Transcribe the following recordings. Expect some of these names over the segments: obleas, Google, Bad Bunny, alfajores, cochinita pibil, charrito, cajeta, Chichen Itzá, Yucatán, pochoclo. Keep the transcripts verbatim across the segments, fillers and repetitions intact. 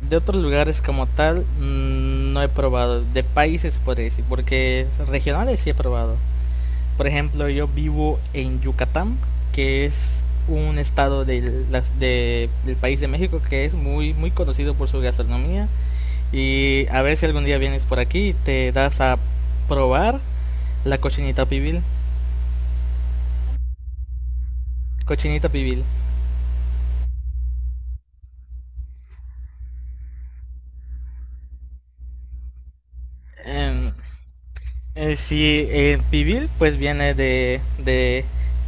De otros lugares como tal, mm, no he probado. De países por decir, porque regionales sí he probado. Por ejemplo, yo vivo en Yucatán, que es un estado del, las- de- del país de México que es muy, muy conocido por su gastronomía. Y a ver si algún día vienes por aquí y te das a probar la cochinita pibil. Cochinita pibil. Em, Eh, sí, eh, pibil pues viene de, de,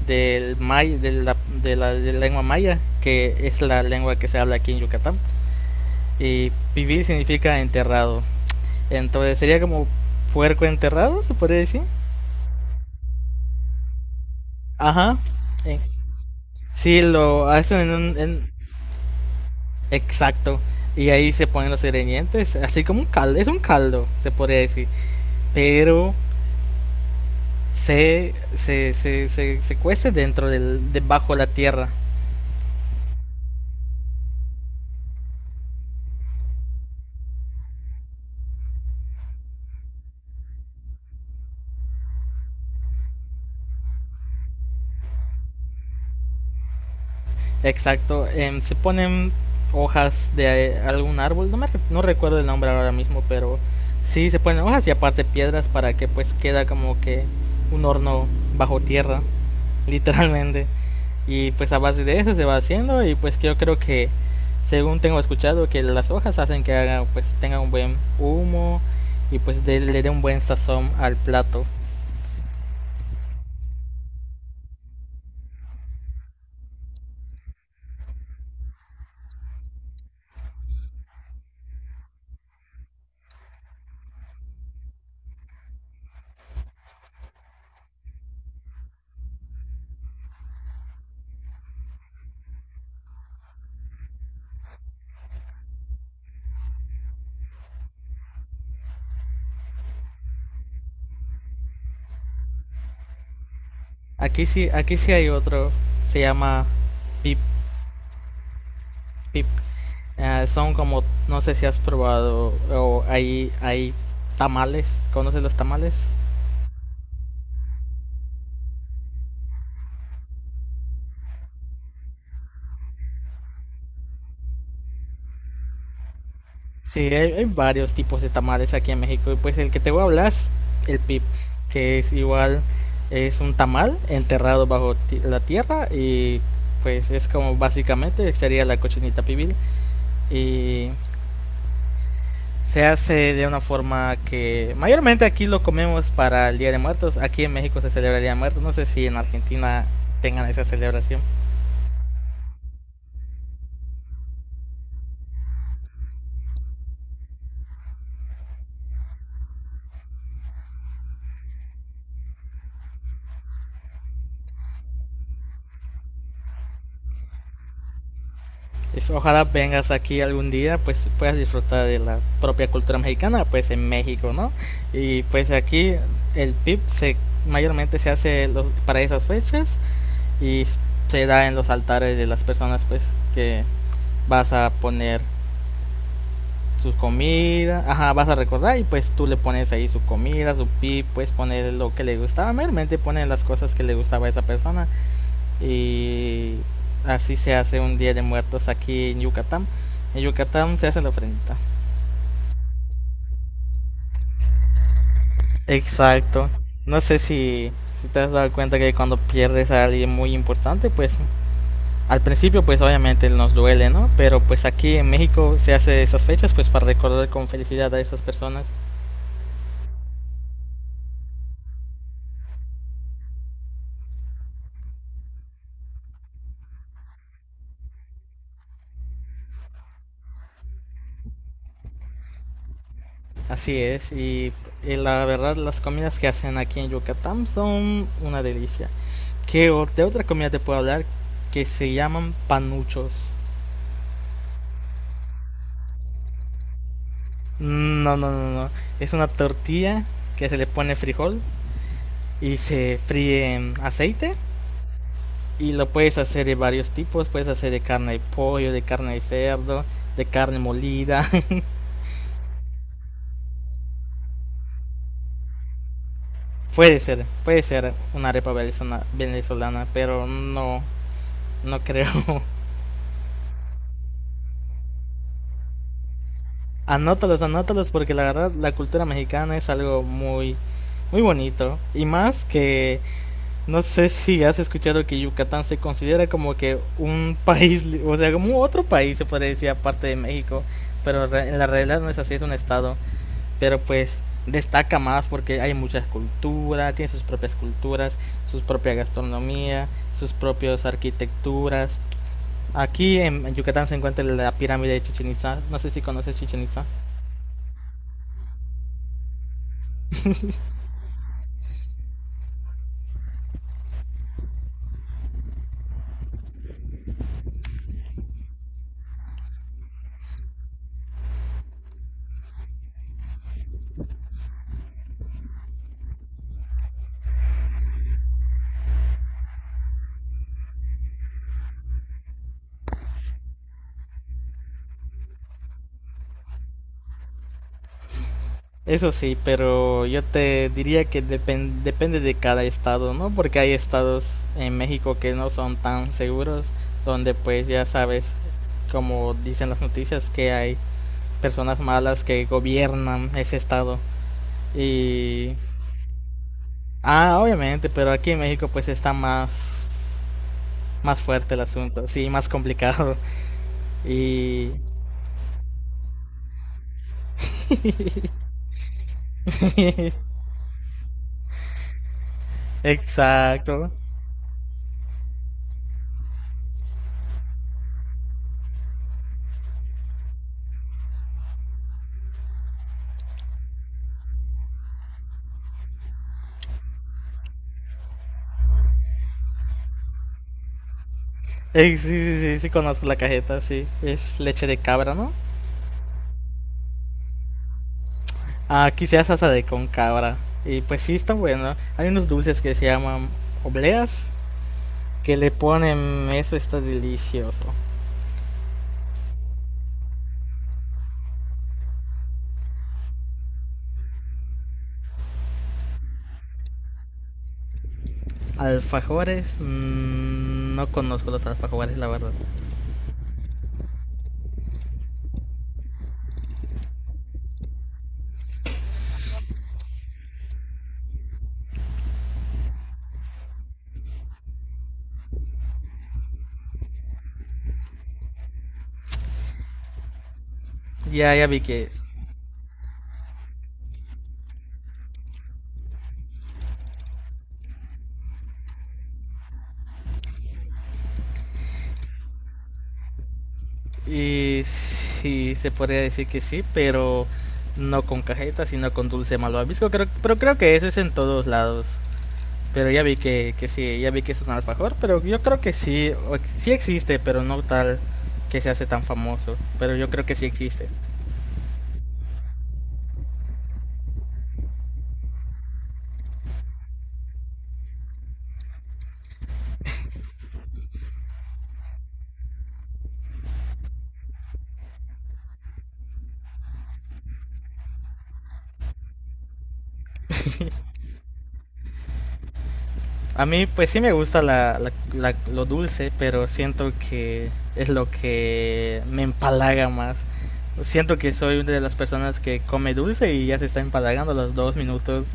del may, de, la, de la de la lengua maya, que es la lengua que se habla aquí en Yucatán. Y pibil significa enterrado. Entonces sería como puerco enterrado, se podría decir. Ajá. Eh, Sí, lo hacen en un... en- Exacto. Y ahí se ponen los ingredientes, así como un caldo. Es un caldo, se podría decir. Pero se, se, se, se, se cuece dentro del, debajo de la tierra. Exacto, em, se ponen hojas de eh, algún árbol, no, me, re- no recuerdo el nombre ahora mismo, pero sí se ponen hojas y aparte piedras para que pues queda como que un horno bajo tierra, literalmente. Y pues a base de eso se va haciendo y pues yo creo que según tengo escuchado que las hojas hacen que haga pues tenga un buen humo y pues de- le dé un buen sazón al plato. Aquí sí, aquí sí hay otro, se llama pip, pip. Eh, son como, no sé si has probado, o hay, hay tamales, ¿conoces los tamales? Sí, hay, hay varios tipos de tamales aquí en México y pues el que te voy a hablar es el pip, que es igual, es un tamal enterrado bajo ti- la tierra y pues es como básicamente sería la cochinita pibil y se hace de una forma que mayormente aquí lo comemos para el Día de Muertos, aquí en México se celebra el Día de Muertos, no sé si en Argentina tengan esa celebración. Eso, ojalá vengas aquí algún día, pues puedas disfrutar de la propia cultura mexicana, pues en México, ¿no? Y pues aquí el PIB se, mayormente se hace los- para esas fechas y se da en los altares de las personas, pues que vas a poner sus comidas, ajá, vas a recordar y pues tú le pones ahí su comida, su PIB, puedes poner lo que le gustaba, mayormente ponen las cosas que le gustaba a esa persona y así se hace un Día de Muertos aquí en Yucatán. En Yucatán se hace la ofrenda. Exacto. No sé si, si te has dado cuenta que cuando pierdes a alguien muy importante, pues al principio pues obviamente nos duele, ¿no? Pero pues aquí en México se hace esas fechas pues para recordar con felicidad a esas personas. Así es, y, y la verdad las comidas que hacen aquí en Yucatán son una delicia. ¿Qué, de otra comida te puedo hablar? Que se llaman panuchos. No, no, no, no. Es una tortilla que se le pone frijol y se fríe en aceite. Y lo puedes hacer de varios tipos. Puedes hacer de carne de pollo, de carne de cerdo, de carne molida. Puede ser, puede ser una arepa venezolana, venezolana, pero no, no creo. Anótalos, anótalos, porque la verdad la cultura mexicana es algo muy, muy bonito. Y más que no sé si has escuchado que Yucatán se considera como que un país, li- o sea, como otro país se puede decir aparte de México, pero re- en la realidad no es así, es un estado, pero pues destaca más porque hay muchas culturas, tiene sus propias culturas, su propia gastronomía, sus propias arquitecturas. Aquí en en Yucatán se encuentra la pirámide de Chichen Itzá. No sé si conoces Chichen Itzá. Eso sí, pero yo te diría que depen- depende de cada estado, ¿no? Porque hay estados en México que no son tan seguros, donde pues ya sabes, como dicen las noticias, que hay personas malas que gobiernan ese estado. Y... Ah, obviamente, pero aquí en México pues está más, más fuerte el asunto, sí, más complicado. Y... Exacto. Eh, sí, sí, sí, sí, conozco la cajeta, sí. Es leche de cabra, ¿no? Aquí se hace salsa de con cabra. Y pues sí, está bueno. Hay unos dulces que se llaman obleas, que le ponen eso, está delicioso. Alfajores, mm, no conozco los alfajores, la verdad. Ya, ya vi que es. Y sí, se podría decir que sí, pero no con cajeta, sino con dulce malvavisco. Creo, pero creo que ese es en todos lados. Pero ya vi que, que sí, ya vi que es un alfajor, pero yo creo que sí, sí existe, pero no tal que se hace tan famoso, pero yo creo que sí existe. A mí pues sí me gusta la, la- la- lo dulce, pero siento que es lo que me empalaga más. Siento que soy una de las personas que come dulce y ya se está empalagando a los dos minutos.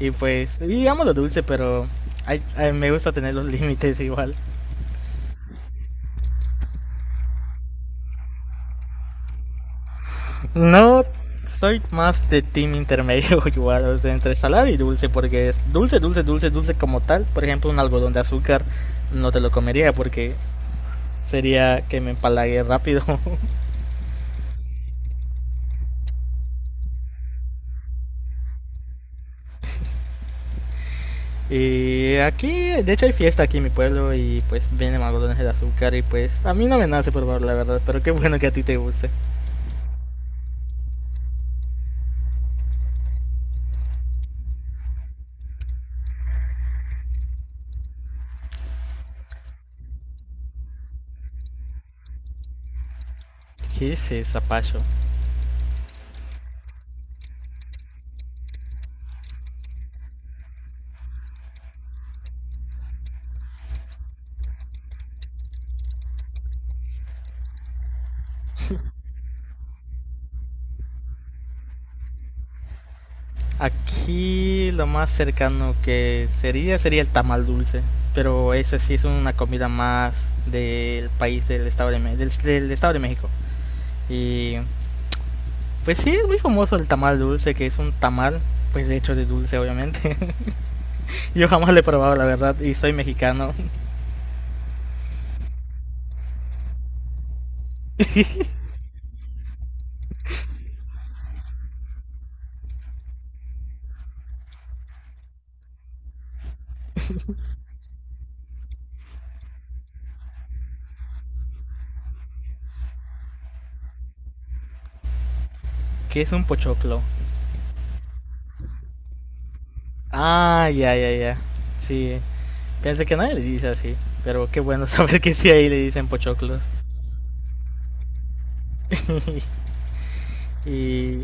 Y pues, digamos lo dulce, pero hay- hay- me gusta tener los límites igual. No, soy más de team intermedio igual, entre salada y dulce, porque es dulce, dulce, dulce, dulce como tal. Por ejemplo, un algodón de azúcar no te lo comería porque sería que me empalague rápido. Y aquí, de hecho, hay fiesta aquí en mi pueblo y pues vienen algodones de azúcar y pues a mí no me nace probar la verdad, pero qué bueno que a ti te guste. ¿Qué es esa pacho? Aquí lo más cercano que sería sería el tamal dulce, pero eso sí es una comida más del país del estado de, Me- del, del estado de México. Y pues sí es muy famoso el tamal dulce, que es un tamal pues de hecho de dulce obviamente. Yo jamás lo he probado la verdad y soy mexicano, que es un pochoclo. Ah, ya, ya, ya. Sí, pensé que nadie le dice así, pero qué bueno saber que sí ahí le dicen pochoclos. Y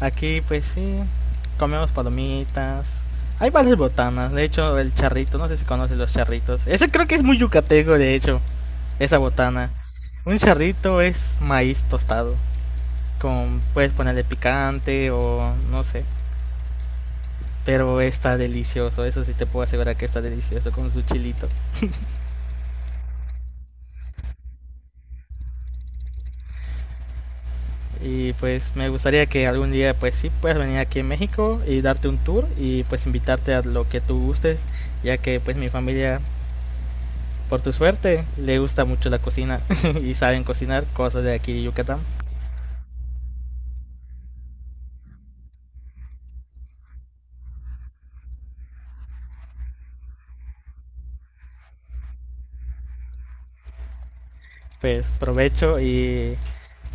aquí pues sí, comemos palomitas. Hay varias botanas, de hecho el charrito, no sé si conocen los charritos. Ese creo que es muy yucateco, de hecho, esa botana. Un charrito es maíz tostado, con puedes ponerle picante o no sé, pero está delicioso, eso sí te puedo asegurar que está delicioso con su chilito. Y pues me gustaría que algún día pues sí puedas venir aquí en México y darte un tour y pues invitarte a lo que tú gustes, ya que pues mi familia por tu suerte, le gusta mucho la cocina y saben cocinar cosas de aquí de Yucatán. Pues provecho y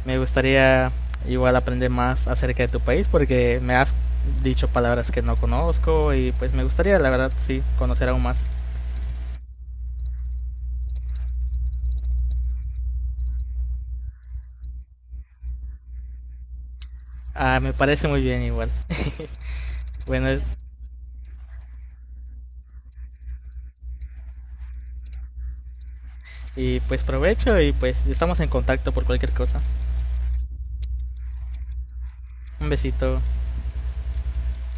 me gustaría igual aprender más acerca de tu país porque me has dicho palabras que no conozco y pues me gustaría la verdad sí conocer aún más. Ah, me parece muy bien igual. Bueno, y pues provecho y pues estamos en contacto por cualquier cosa. Un besito.